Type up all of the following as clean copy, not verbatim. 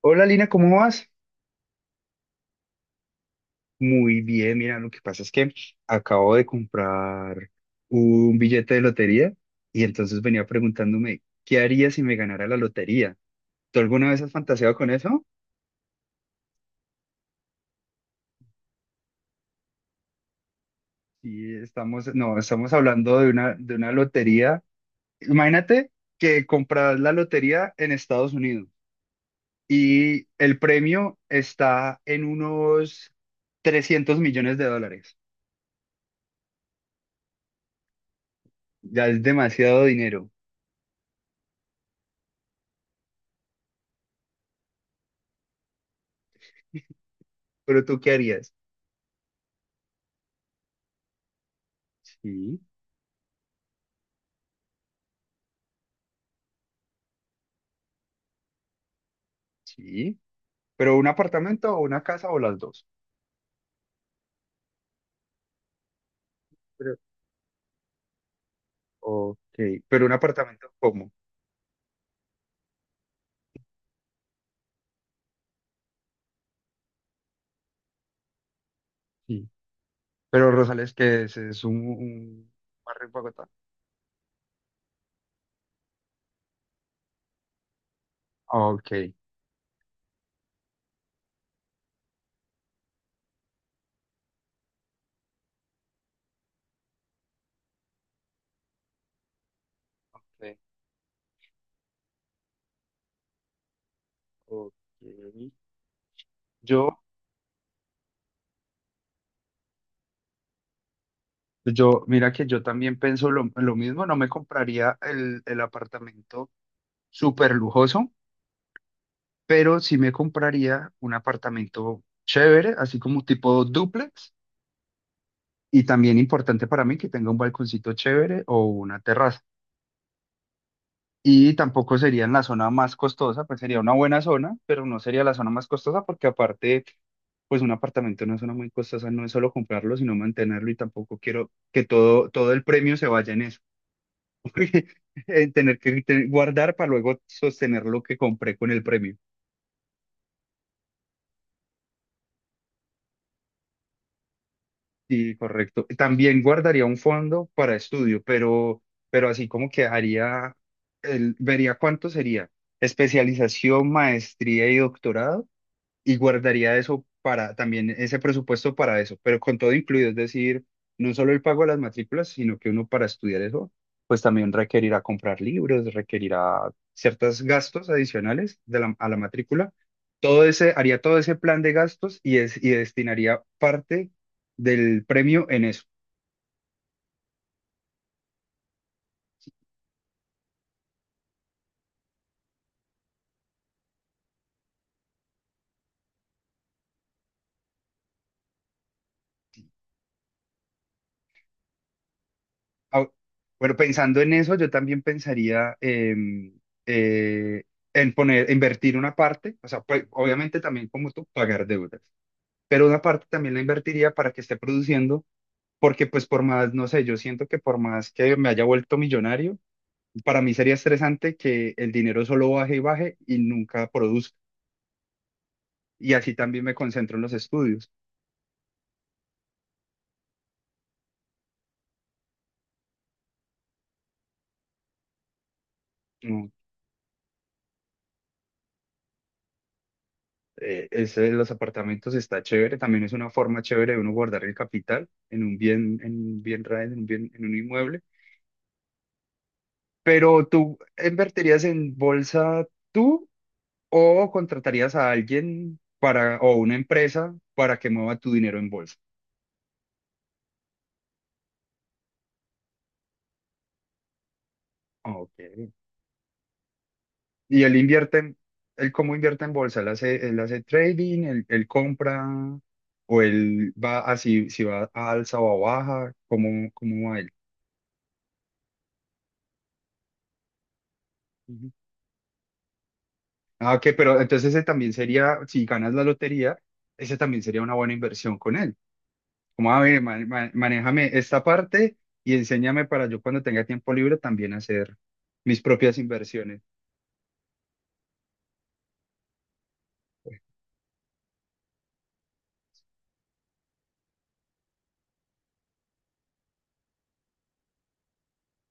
Hola Lina, ¿cómo vas? Muy bien, mira, lo que pasa es que acabo de comprar un billete de lotería y entonces venía preguntándome, ¿qué haría si me ganara la lotería? ¿Tú alguna vez has fantaseado con eso? Sí, estamos, no, estamos hablando de una lotería. Imagínate que compras la lotería en Estados Unidos y el premio está en unos 300 millones de dólares. Ya es demasiado dinero, pero ¿tú qué harías? Sí. Sí, pero un apartamento o una casa o las dos. Pero, ok, pero un apartamento, ¿cómo? Sí. Pero Rosales, ¿qué es? ¿Es un barrio en Bogotá? Ah, ok. Sí, ok. Yo, mira que yo también pienso lo mismo, no me compraría el apartamento súper lujoso, pero sí me compraría un apartamento chévere, así como tipo dúplex, y también importante para mí que tenga un balconcito chévere o una terraza. Y tampoco sería en la zona más costosa, pues sería una buena zona, pero no sería la zona más costosa porque aparte, pues un apartamento en una zona muy costosa no es solo comprarlo, sino mantenerlo, y tampoco quiero que todo el premio se vaya en eso, porque, en tener que guardar para luego sostener lo que compré con el premio. Sí, correcto. También guardaría un fondo para estudio, pero así como que haría, el, vería cuánto sería especialización, maestría y doctorado, y guardaría eso para también ese presupuesto para eso, pero con todo incluido, es decir, no solo el pago de las matrículas, sino que uno para estudiar eso, pues también requerirá comprar libros, requerirá ciertos gastos adicionales de a la matrícula. Haría todo ese plan de gastos y destinaría parte del premio en eso. Au- Bueno, pensando en eso, yo también pensaría eh, en poner, invertir una parte, o sea, pues, obviamente también como tú, pagar deudas. Pero una parte también la invertiría para que esté produciendo, porque pues por más, no sé, yo siento que por más que me haya vuelto millonario, para mí sería estresante que el dinero solo baje y baje y nunca produzca. Y así también me concentro en los estudios. No, ese de los apartamentos está chévere, también es una forma chévere de uno guardar el capital en un bien raíz, en un bien, en un inmueble. Pero tú invertirías en bolsa, tú ¿o contratarías a alguien para, o una empresa para que mueva tu dinero en bolsa? Ah, ok. Y él invierte, él cómo invierte en bolsa, él hace él hace trading, él compra, o él va así, si va a alza o a baja, ¿cómo cómo va él? Ujú. Ah, ok, pero entonces ese también sería, si ganas la lotería, ese también sería una buena inversión con él. Como, a ver, manéjame esta parte y enséñame para yo cuando tenga tiempo libre también hacer mis propias inversiones.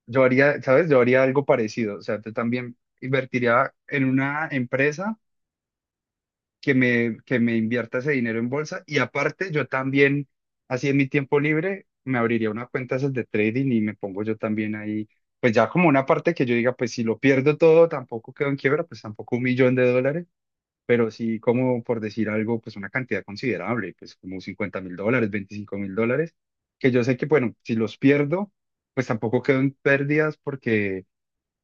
Yo haría, ¿sabes? Yo haría algo parecido. O sea, yo también invertiría en una empresa que me invierta ese dinero en bolsa. Y aparte, yo también, así en mi tiempo libre, me abriría una cuenta esas de trading y me pongo yo también ahí. Pues ya como una parte que yo diga, pues si lo pierdo todo, tampoco quedo en quiebra, pues tampoco un millón de dólares, pero sí como por decir algo, pues una cantidad considerable, pues como 50.000 dólares, 25.000 dólares, que yo sé que, bueno, si los pierdo, pues tampoco quedo en pérdidas porque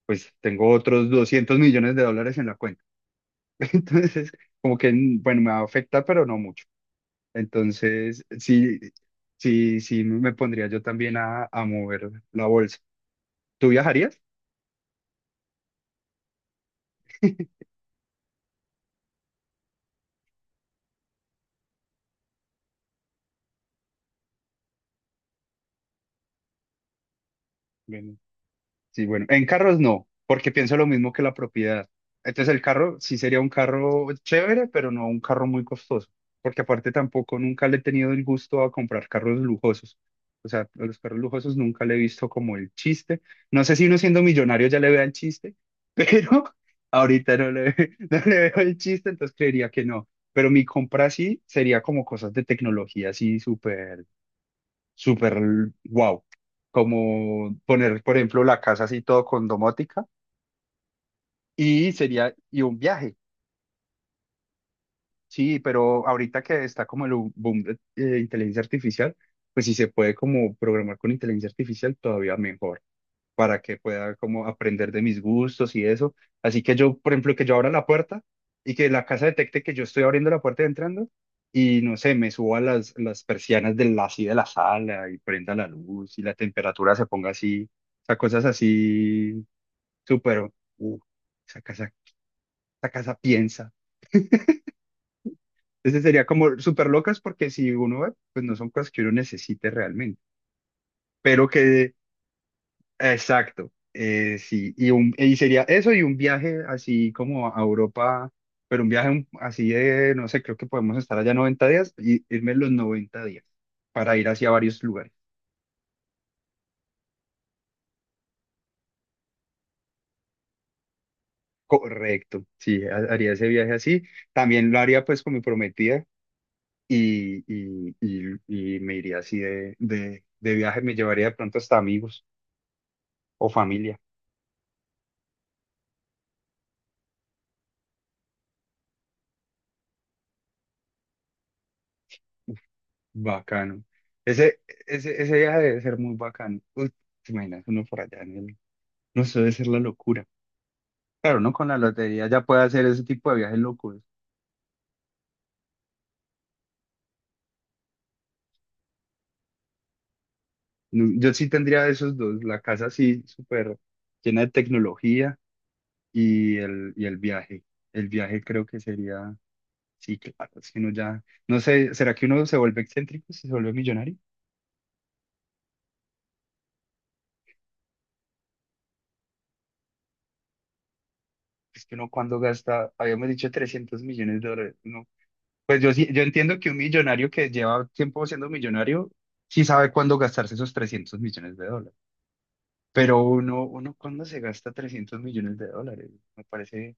pues tengo otros 200 millones de dólares en la cuenta. Entonces, como que, mm, bueno, me va a afectar, pero no mucho. Entonces, sí, sí, sí, me pondría yo también a mover la bolsa. ¿Tú viajarías? Sí, bueno, en carros no, porque pienso lo mismo que la propiedad. Entonces el carro sí sería un carro chévere, pero no un carro muy costoso, porque aparte tampoco nunca le he tenido el gusto a comprar carros lujosos. O sea, a los carros lujosos nunca le he visto como el chiste. No sé si uno siendo millonario ya le vea el chiste, pero ahorita no le, no le veo el chiste, entonces creería que no. Pero mi compra sí sería como cosas de tecnología así súper súper wow. Como poner, por ejemplo, la casa así todo con domótica y sería, y un viaje. Sí, pero ahorita que está como el boom de inteligencia artificial, pues si se puede como programar con inteligencia artificial, todavía mejor, para que pueda como aprender de mis gustos y eso. Así que yo, por ejemplo, que yo abra la puerta y que la casa detecte que yo estoy abriendo la puerta y entrando y no sé, me suba las persianas así de la sala y prenda la luz y la temperatura se ponga así. O sea, cosas así súper, uh, esa casa esa casa piensa. Entonces sería como súper locas porque si uno ve, pues no son cosas que uno necesite realmente, pero que Exacto, sí, y sería eso y un viaje así como a Europa, pero un viaje así de, no sé, creo que podemos estar allá 90 días y irme los 90 días para ir hacia varios lugares. Correcto, sí, haría ese viaje así. También lo haría pues con mi prometida y me iría así de viaje, me llevaría de pronto hasta amigos o familia. Bacano. Ese, ese viaje debe ser muy bacano. Uy, ¿te imaginas uno por allá en el No, eso debe ser la locura. Claro, no con la lotería ya puede hacer ese tipo de viajes locos. No, yo sí tendría esos dos, la casa así súper llena de tecnología y el viaje. El viaje creo que sería, sí, claro, si uno ya, no sé, ¿será que uno se vuelve excéntrico si se vuelve millonario? Es que uno cuando gasta, habíamos dicho 300 millones de dólares, no. Pues yo sí, yo entiendo que un millonario que lleva tiempo siendo millonario, sí sabe cuándo gastarse esos 300 millones de dólares. Pero uno cuando se gasta 300 millones de dólares, me parece,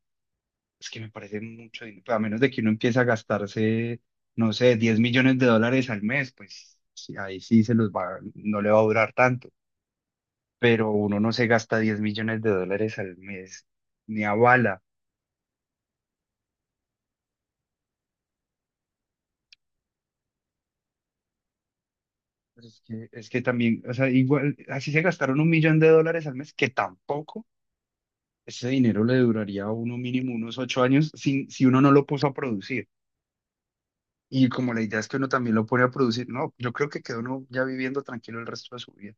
es que me parece mucho dinero. Pues, a menos de que uno empiece a gastarse, no sé, 10 millones de dólares al mes, pues sí, ahí sí se los va, no le va a durar tanto, pero uno no se gasta 10 millones de dólares al mes, ni a bala. Pues es que es que también, o sea, igual, así se gastaron un millón de dólares al mes, que tampoco ese dinero le duraría a uno mínimo unos 8 años si uno no lo puso a producir. Y como la idea es que uno también lo pone a producir, no, yo creo que queda uno ya viviendo tranquilo el resto de su vida.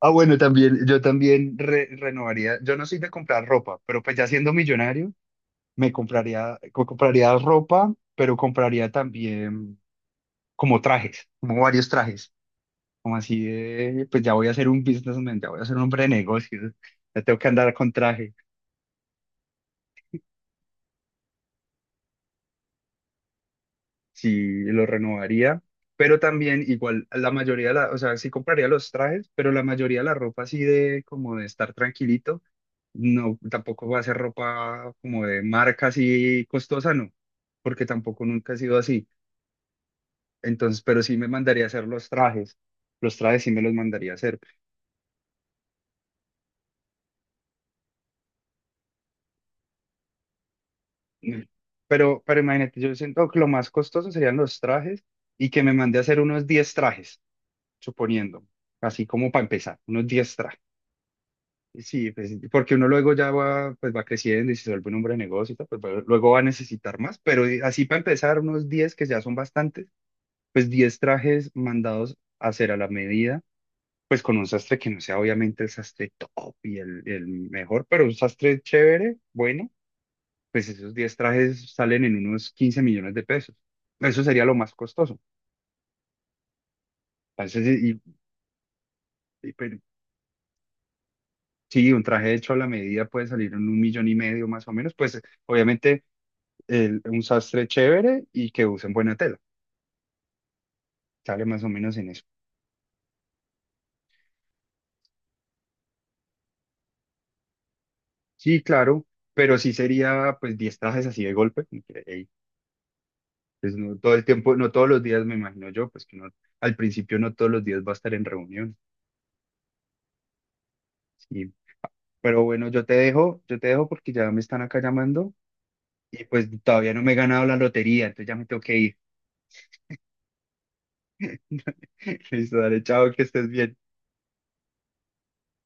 Ah, bueno, también, yo también renovaría, yo no soy de comprar ropa, pero pues ya siendo millonario, me compraría, compraría ropa, pero compraría también como trajes, como varios trajes, como así de, pues ya voy a ser un businessman, ya voy a ser un hombre de negocios, ya tengo que andar con traje. Sí lo renovaría, pero también igual la mayoría de la, o sea, sí compraría los trajes, pero la mayoría de la ropa así de como de estar tranquilito, no, tampoco va a ser ropa como de marca así costosa, no, porque tampoco nunca ha sido así. Entonces, pero sí me mandaría a hacer los trajes sí me los mandaría a hacer. Mm. Pero imagínate, yo siento que lo más costoso serían los trajes y que me mandé a hacer unos 10 trajes, suponiendo, así como para empezar, unos 10 trajes. Sí, pues, porque uno luego ya va, pues va creciendo y se vuelve un hombre de negocio y tal, pues luego va a necesitar más, pero así para empezar, unos 10 que ya son bastantes, pues 10 trajes mandados a hacer a la medida, pues con un sastre que no sea obviamente el sastre top y el mejor, pero un sastre chévere, bueno, pues esos 10 trajes salen en unos 15 millones de pesos. Eso sería lo más costoso. Entonces, pero sí, un traje hecho a la medida puede salir en un millón y medio más o menos, pues obviamente un sastre chévere y que usen buena tela. Sale más o menos en eso. Sí, claro, pero sí sería pues 10 trajes así de golpe, como que, ey, pues no todo el tiempo, no todos los días me imagino yo, pues que no, al principio no todos los días va a estar en reunión. Sí. Pero bueno, yo te dejo porque ya me están acá llamando y pues todavía no me he ganado la lotería, entonces ya me tengo que ir. Listo, dale, chao, que estés bien.